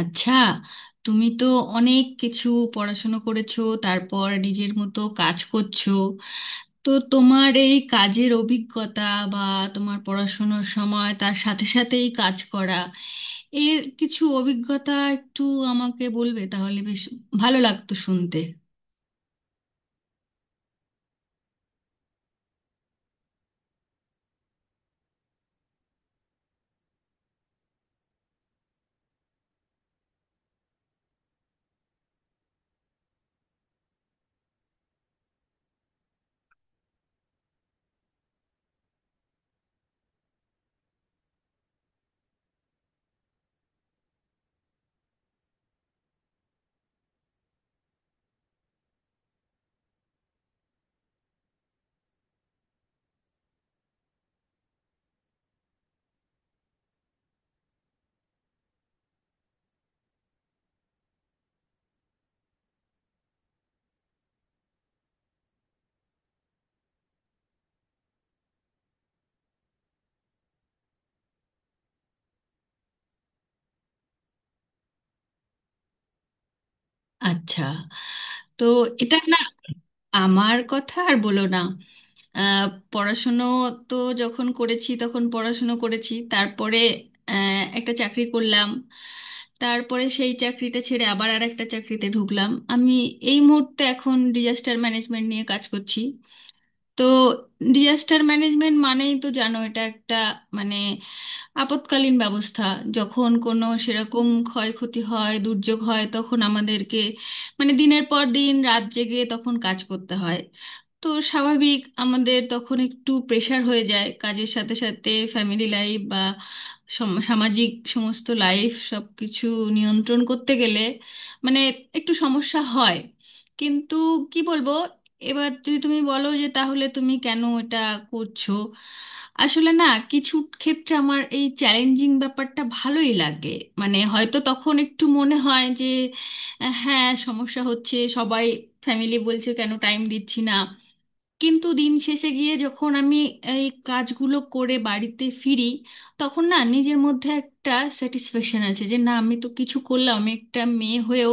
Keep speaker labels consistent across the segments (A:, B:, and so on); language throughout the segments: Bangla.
A: আচ্ছা, তুমি তো অনেক কিছু পড়াশুনো করেছো, তারপর নিজের মতো কাজ করছো। তো তোমার এই কাজের অভিজ্ঞতা বা তোমার পড়াশুনোর সময় তার সাথে সাথে এই কাজ করা, এর কিছু অভিজ্ঞতা একটু আমাকে বলবে? তাহলে বেশ ভালো লাগতো শুনতে। আচ্ছা, তো এটা না, আমার কথা আর বলো না। আহ, পড়াশুনো তো যখন করেছি তখন পড়াশুনো করেছি, তারপরে একটা চাকরি করলাম, তারপরে সেই চাকরিটা ছেড়ে আবার আর একটা চাকরিতে ঢুকলাম। আমি এই মুহূর্তে এখন ডিজাস্টার ম্যানেজমেন্ট নিয়ে কাজ করছি। তো ডিজাস্টার ম্যানেজমেন্ট মানেই তো জানো, এটা একটা মানে আপৎকালীন ব্যবস্থা। যখন কোনো সেরকম ক্ষয়ক্ষতি হয়, দুর্যোগ হয়, তখন আমাদেরকে মানে দিনের পর দিন রাত জেগে তখন কাজ করতে হয়। তো স্বাভাবিক আমাদের তখন একটু প্রেশার হয়ে যায়, কাজের সাথে সাথে ফ্যামিলি লাইফ বা সামাজিক সমস্ত লাইফ সব কিছু নিয়ন্ত্রণ করতে গেলে মানে একটু সমস্যা হয়। কিন্তু কি বলবো, এবার যদি তুমি বলো যে তাহলে তুমি কেন এটা করছো? আসলে না, কিছু ক্ষেত্রে আমার এই চ্যালেঞ্জিং ব্যাপারটা ভালোই লাগে। মানে হয়তো তখন একটু মনে হয় যে হ্যাঁ, সমস্যা হচ্ছে, সবাই ফ্যামিলি বলছে কেন টাইম দিচ্ছি না। কিন্তু দিন শেষে গিয়ে যখন আমি এই কাজগুলো করে বাড়িতে ফিরি, তখন না নিজের মধ্যে একটা স্যাটিসফ্যাকশন আছে যে না, আমি তো কিছু করলাম, আমি একটা মেয়ে হয়েও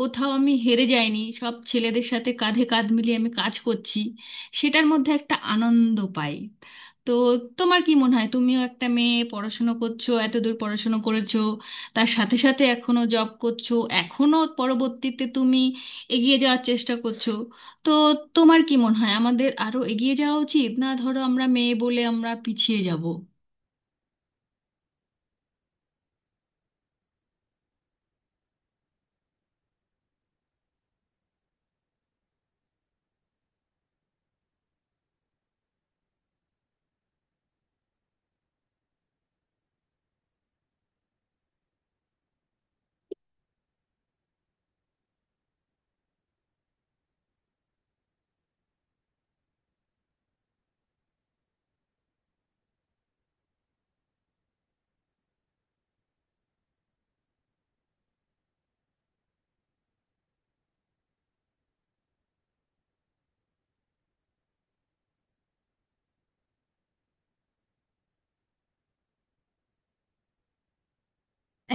A: কোথাও আমি হেরে যাইনি, সব ছেলেদের সাথে কাঁধে কাঁধ মিলিয়ে আমি কাজ করছি। সেটার মধ্যে একটা আনন্দ পাই। তো তোমার কি মনে হয়, তুমিও একটা মেয়ে, পড়াশুনো করছো, এতদূর পড়াশুনো করেছো, তার সাথে সাথে এখনো জব করছো, এখনো পরবর্তীতে তুমি এগিয়ে যাওয়ার চেষ্টা করছো। তো তোমার কি মনে হয়, আমাদের আরো এগিয়ে যাওয়া উচিত না ধরো আমরা মেয়ে বলে আমরা পিছিয়ে যাব?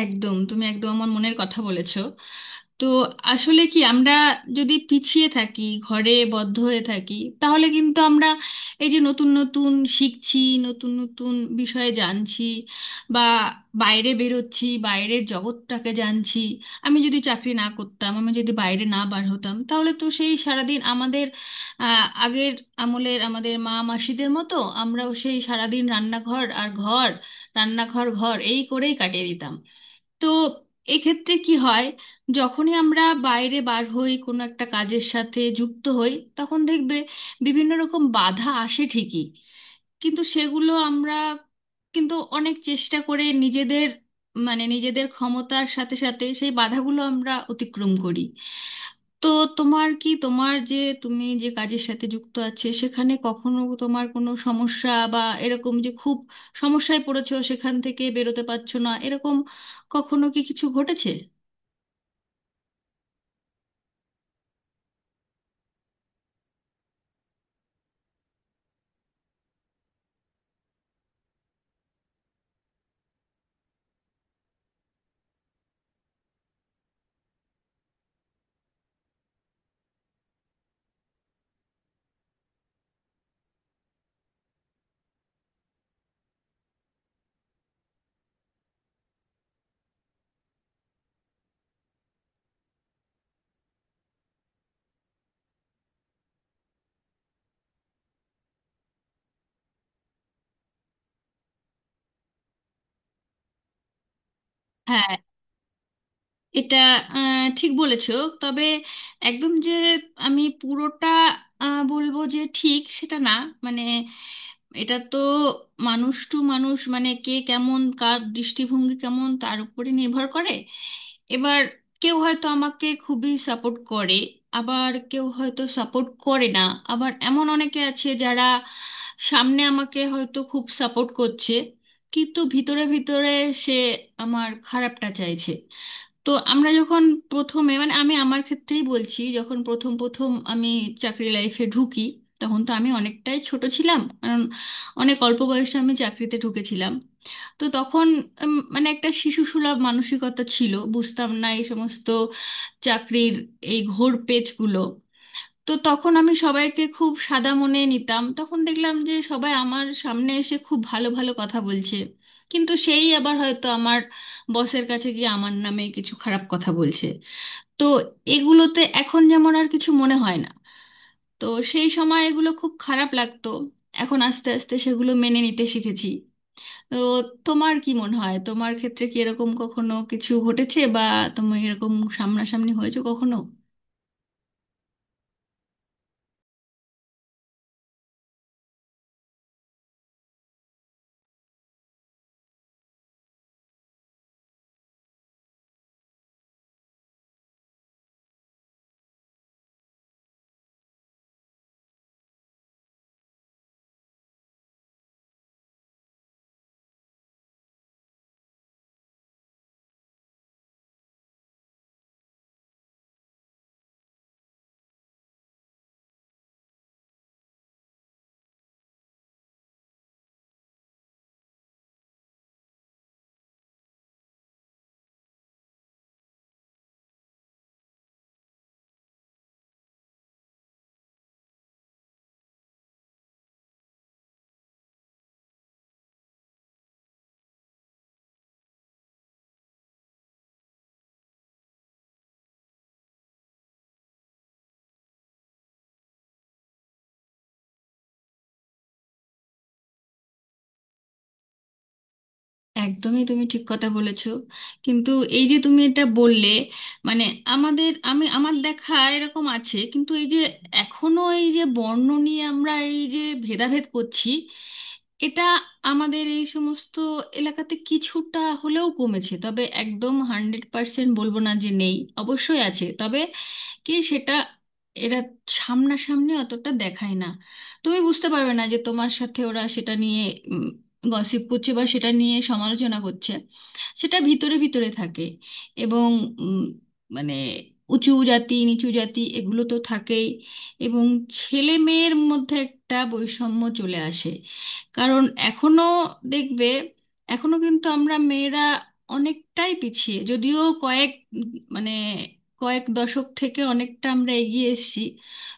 A: একদম, তুমি একদম আমার মনের কথা বলেছো। তো আসলে কি আমরা যদি পিছিয়ে থাকি, ঘরে বদ্ধ হয়ে থাকি, তাহলে কিন্তু আমরা এই যে নতুন নতুন শিখছি, নতুন নতুন বিষয়ে জানছি বা বাইরে বেরোচ্ছি, বাইরের জগৎটাকে জানছি, আমি যদি চাকরি না করতাম, আমি যদি বাইরে না বার হতাম, তাহলে তো সেই সারাদিন আমাদের আগের আমলের আমাদের মা মাসিদের মতো আমরাও সেই সারাদিন রান্নাঘর আর ঘর, রান্নাঘর ঘর এই করেই কাটিয়ে দিতাম। তো এক্ষেত্রে কি হয়, যখনই আমরা বাইরে বার হই, কোনো একটা কাজের সাথে যুক্ত হই, তখন দেখবে বিভিন্ন রকম বাধা আসে ঠিকই, কিন্তু সেগুলো আমরা কিন্তু অনেক চেষ্টা করে নিজেদের মানে নিজেদের ক্ষমতার সাথে সাথে সেই বাধাগুলো আমরা অতিক্রম করি। তো তোমার কি, তোমার যে, তুমি যে কাজের সাথে যুক্ত আছে, সেখানে কখনো তোমার কোনো সমস্যা বা এরকম যে খুব সমস্যায় পড়েছো, সেখান থেকে বেরোতে পারছো না, এরকম কখনো কি কিছু ঘটেছে? হ্যাঁ, এটা ঠিক বলেছো। তবে একদম যে আমি পুরোটা বলবো যে ঠিক সেটা না। মানে এটা তো মানুষ টু মানুষ, মানে কে কেমন, কার দৃষ্টিভঙ্গি কেমন, তার উপরে নির্ভর করে। এবার কেউ হয়তো আমাকে খুবই সাপোর্ট করে, আবার কেউ হয়তো সাপোর্ট করে না। আবার এমন অনেকে আছে যারা সামনে আমাকে হয়তো খুব সাপোর্ট করছে, কিন্তু ভিতরে ভিতরে সে আমার খারাপটা চাইছে। তো আমরা যখন প্রথমে, মানে আমি আমার ক্ষেত্রেই বলছি, যখন প্রথম প্রথম আমি চাকরি লাইফে ঢুকি, তখন তো আমি অনেকটাই ছোট ছিলাম, কারণ অনেক অল্প বয়সে আমি চাকরিতে ঢুকেছিলাম। তো তখন মানে একটা শিশুসুলভ মানসিকতা ছিল, বুঝতাম না এই সমস্ত চাকরির এই ঘোর পেচগুলো। তো তখন আমি সবাইকে খুব সাদা মনে নিতাম, তখন দেখলাম যে সবাই আমার সামনে এসে খুব ভালো ভালো কথা বলছে, কিন্তু সেই আবার হয়তো আমার বসের কাছে গিয়ে আমার নামে কিছু খারাপ কথা বলছে। তো এগুলোতে এখন যেমন আর কিছু মনে হয় না, তো সেই সময় এগুলো খুব খারাপ লাগতো। এখন আস্তে আস্তে সেগুলো মেনে নিতে শিখেছি। তো তোমার কি মনে হয়, তোমার ক্ষেত্রে কি এরকম কখনো কিছু ঘটেছে বা তুমি এরকম সামনাসামনি হয়েছে কখনো? একদমই, তুমি ঠিক কথা বলেছো। কিন্তু এই যে তুমি এটা বললে, মানে আমাদের, আমি আমার দেখা এরকম আছে, কিন্তু এই যে এখনো এই যে বর্ণ নিয়ে আমরা এই যে ভেদাভেদ করছি, এটা আমাদের এই সমস্ত এলাকাতে কিছুটা হলেও কমেছে, তবে একদম হান্ড্রেড পার্সেন্ট বলবো না যে নেই, অবশ্যই আছে। তবে কি সেটা, এরা সামনাসামনি অতটা দেখায় না, তুমি বুঝতে পারবে না যে তোমার সাথে ওরা সেটা নিয়ে গসিপ করছে বা সেটা নিয়ে সমালোচনা করছে, সেটা ভিতরে ভিতরে থাকে। এবং উম, মানে উঁচু জাতি নিচু জাতি এগুলো তো থাকেই। এবং ছেলে মেয়ের মধ্যে একটা বৈষম্য চলে আসে, কারণ এখনো দেখবে, এখনো কিন্তু আমরা মেয়েরা অনেকটাই পিছিয়ে, যদিও কয়েক উম, মানে কয়েক দশক থেকে অনেকটা আমরা এগিয়ে এসেছি,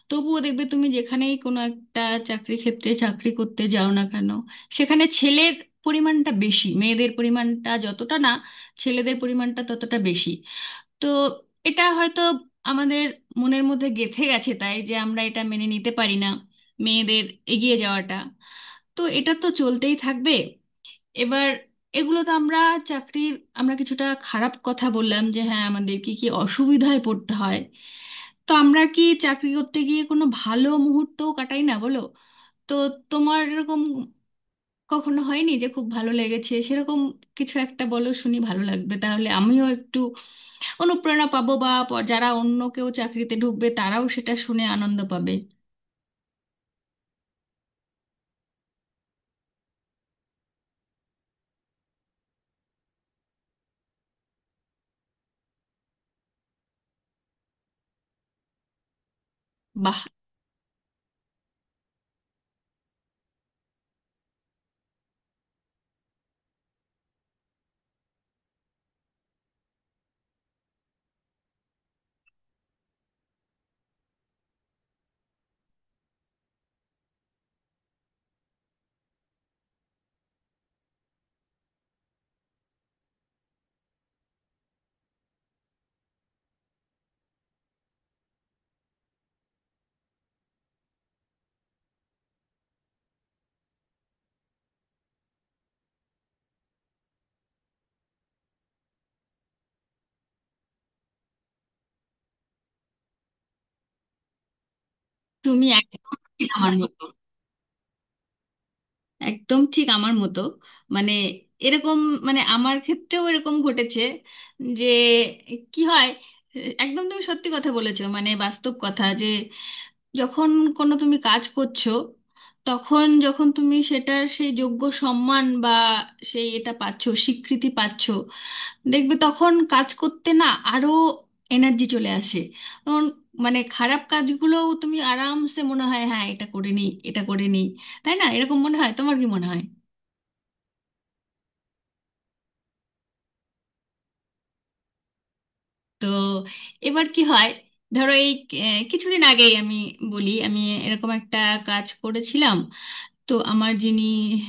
A: তবুও দেখবে তুমি যেখানেই কোনো একটা চাকরি ক্ষেত্রে চাকরি করতে যাও না কেন, সেখানে ছেলের পরিমাণটা বেশি, মেয়েদের পরিমাণটা যতটা না ছেলেদের পরিমাণটা ততটা বেশি। তো এটা হয়তো আমাদের মনের মধ্যে গেঁথে গেছে, তাই যে আমরা এটা মেনে নিতে পারি না, মেয়েদের এগিয়ে যাওয়াটা। তো এটা তো চলতেই থাকবে। এবার এগুলো তো আমরা চাকরির, আমরা কিছুটা খারাপ কথা বললাম যে হ্যাঁ, আমাদের কি কি অসুবিধায় পড়তে হয়। তো আমরা কি চাকরি করতে গিয়ে কোনো ভালো মুহূর্তও কাটাই না বলো? তো তোমার এরকম কখনো হয়নি যে খুব ভালো লেগেছে সেরকম? কিছু একটা বলো, শুনি, ভালো লাগবে, তাহলে আমিও একটু অনুপ্রেরণা পাবো বা যারা অন্য কেউ চাকরিতে ঢুকবে তারাও সেটা শুনে আনন্দ পাবে। বাহ! তুমি একদম ঠিক আমার মতো। একদম ঠিক আমার মতো, মানে এরকম, মানে আমার ক্ষেত্রেও এরকম ঘটেছে যে কি হয়, একদম তুমি সত্যি কথা বলেছো, মানে বাস্তব কথা যে যখন কোনো তুমি কাজ করছো, তখন যখন তুমি সেটার সেই যোগ্য সম্মান বা সেই এটা পাচ্ছো, স্বীকৃতি পাচ্ছো, দেখবে তখন কাজ করতে না আরো এনার্জি চলে আসে। তখন মানে খারাপ কাজগুলোও তুমি আরামসে মনে হয় হ্যাঁ, এটা করে নিই, এটা করে নিই। তাই না? এরকম মনে হয়, তোমার কি মনে হয়? তো এবার কি হয়, ধরো এই কিছুদিন আগেই আমি বলি, আমি এরকম একটা কাজ করেছিলাম। তো আমার যিনি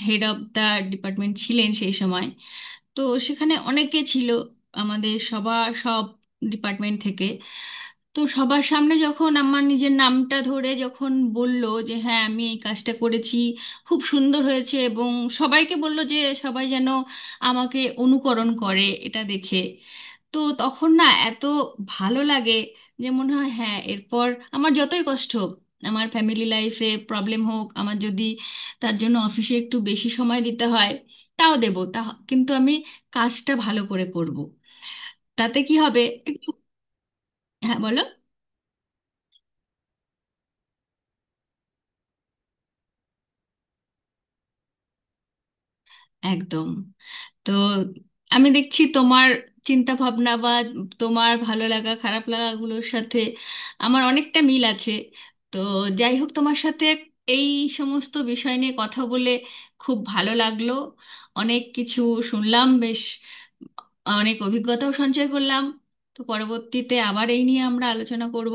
A: হেড অফ দা ডিপার্টমেন্ট ছিলেন সেই সময়, তো সেখানে অনেকে ছিল আমাদের সবার, সব ডিপার্টমেন্ট থেকে। তো সবার সামনে যখন আমার নিজের নামটা ধরে যখন বলল যে হ্যাঁ, আমি এই কাজটা করেছি, খুব সুন্দর হয়েছে, এবং সবাইকে বলল যে সবাই যেন আমাকে অনুকরণ করে এটা দেখে, তো তখন না এত ভালো লাগে যে মনে হয় হ্যাঁ, এরপর আমার যতই কষ্ট হোক, আমার ফ্যামিলি লাইফে প্রবলেম হোক, আমার যদি তার জন্য অফিসে একটু বেশি সময় দিতে হয়, তাও দেব, তা কিন্তু আমি কাজটা ভালো করে করব। তাতে কি হবে, একটু, হ্যাঁ বলো। একদম। তো আমি দেখছি তোমার চিন্তা ভাবনা বা তোমার ভালো লাগা খারাপ লাগাগুলোর সাথে আমার অনেকটা মিল আছে। তো যাই হোক, তোমার সাথে এই সমস্ত বিষয় নিয়ে কথা বলে খুব ভালো লাগলো। অনেক কিছু শুনলাম, বেশ অনেক অভিজ্ঞতাও সঞ্চয় করলাম। তো পরবর্তীতে আবার এই নিয়ে আমরা আলোচনা করব।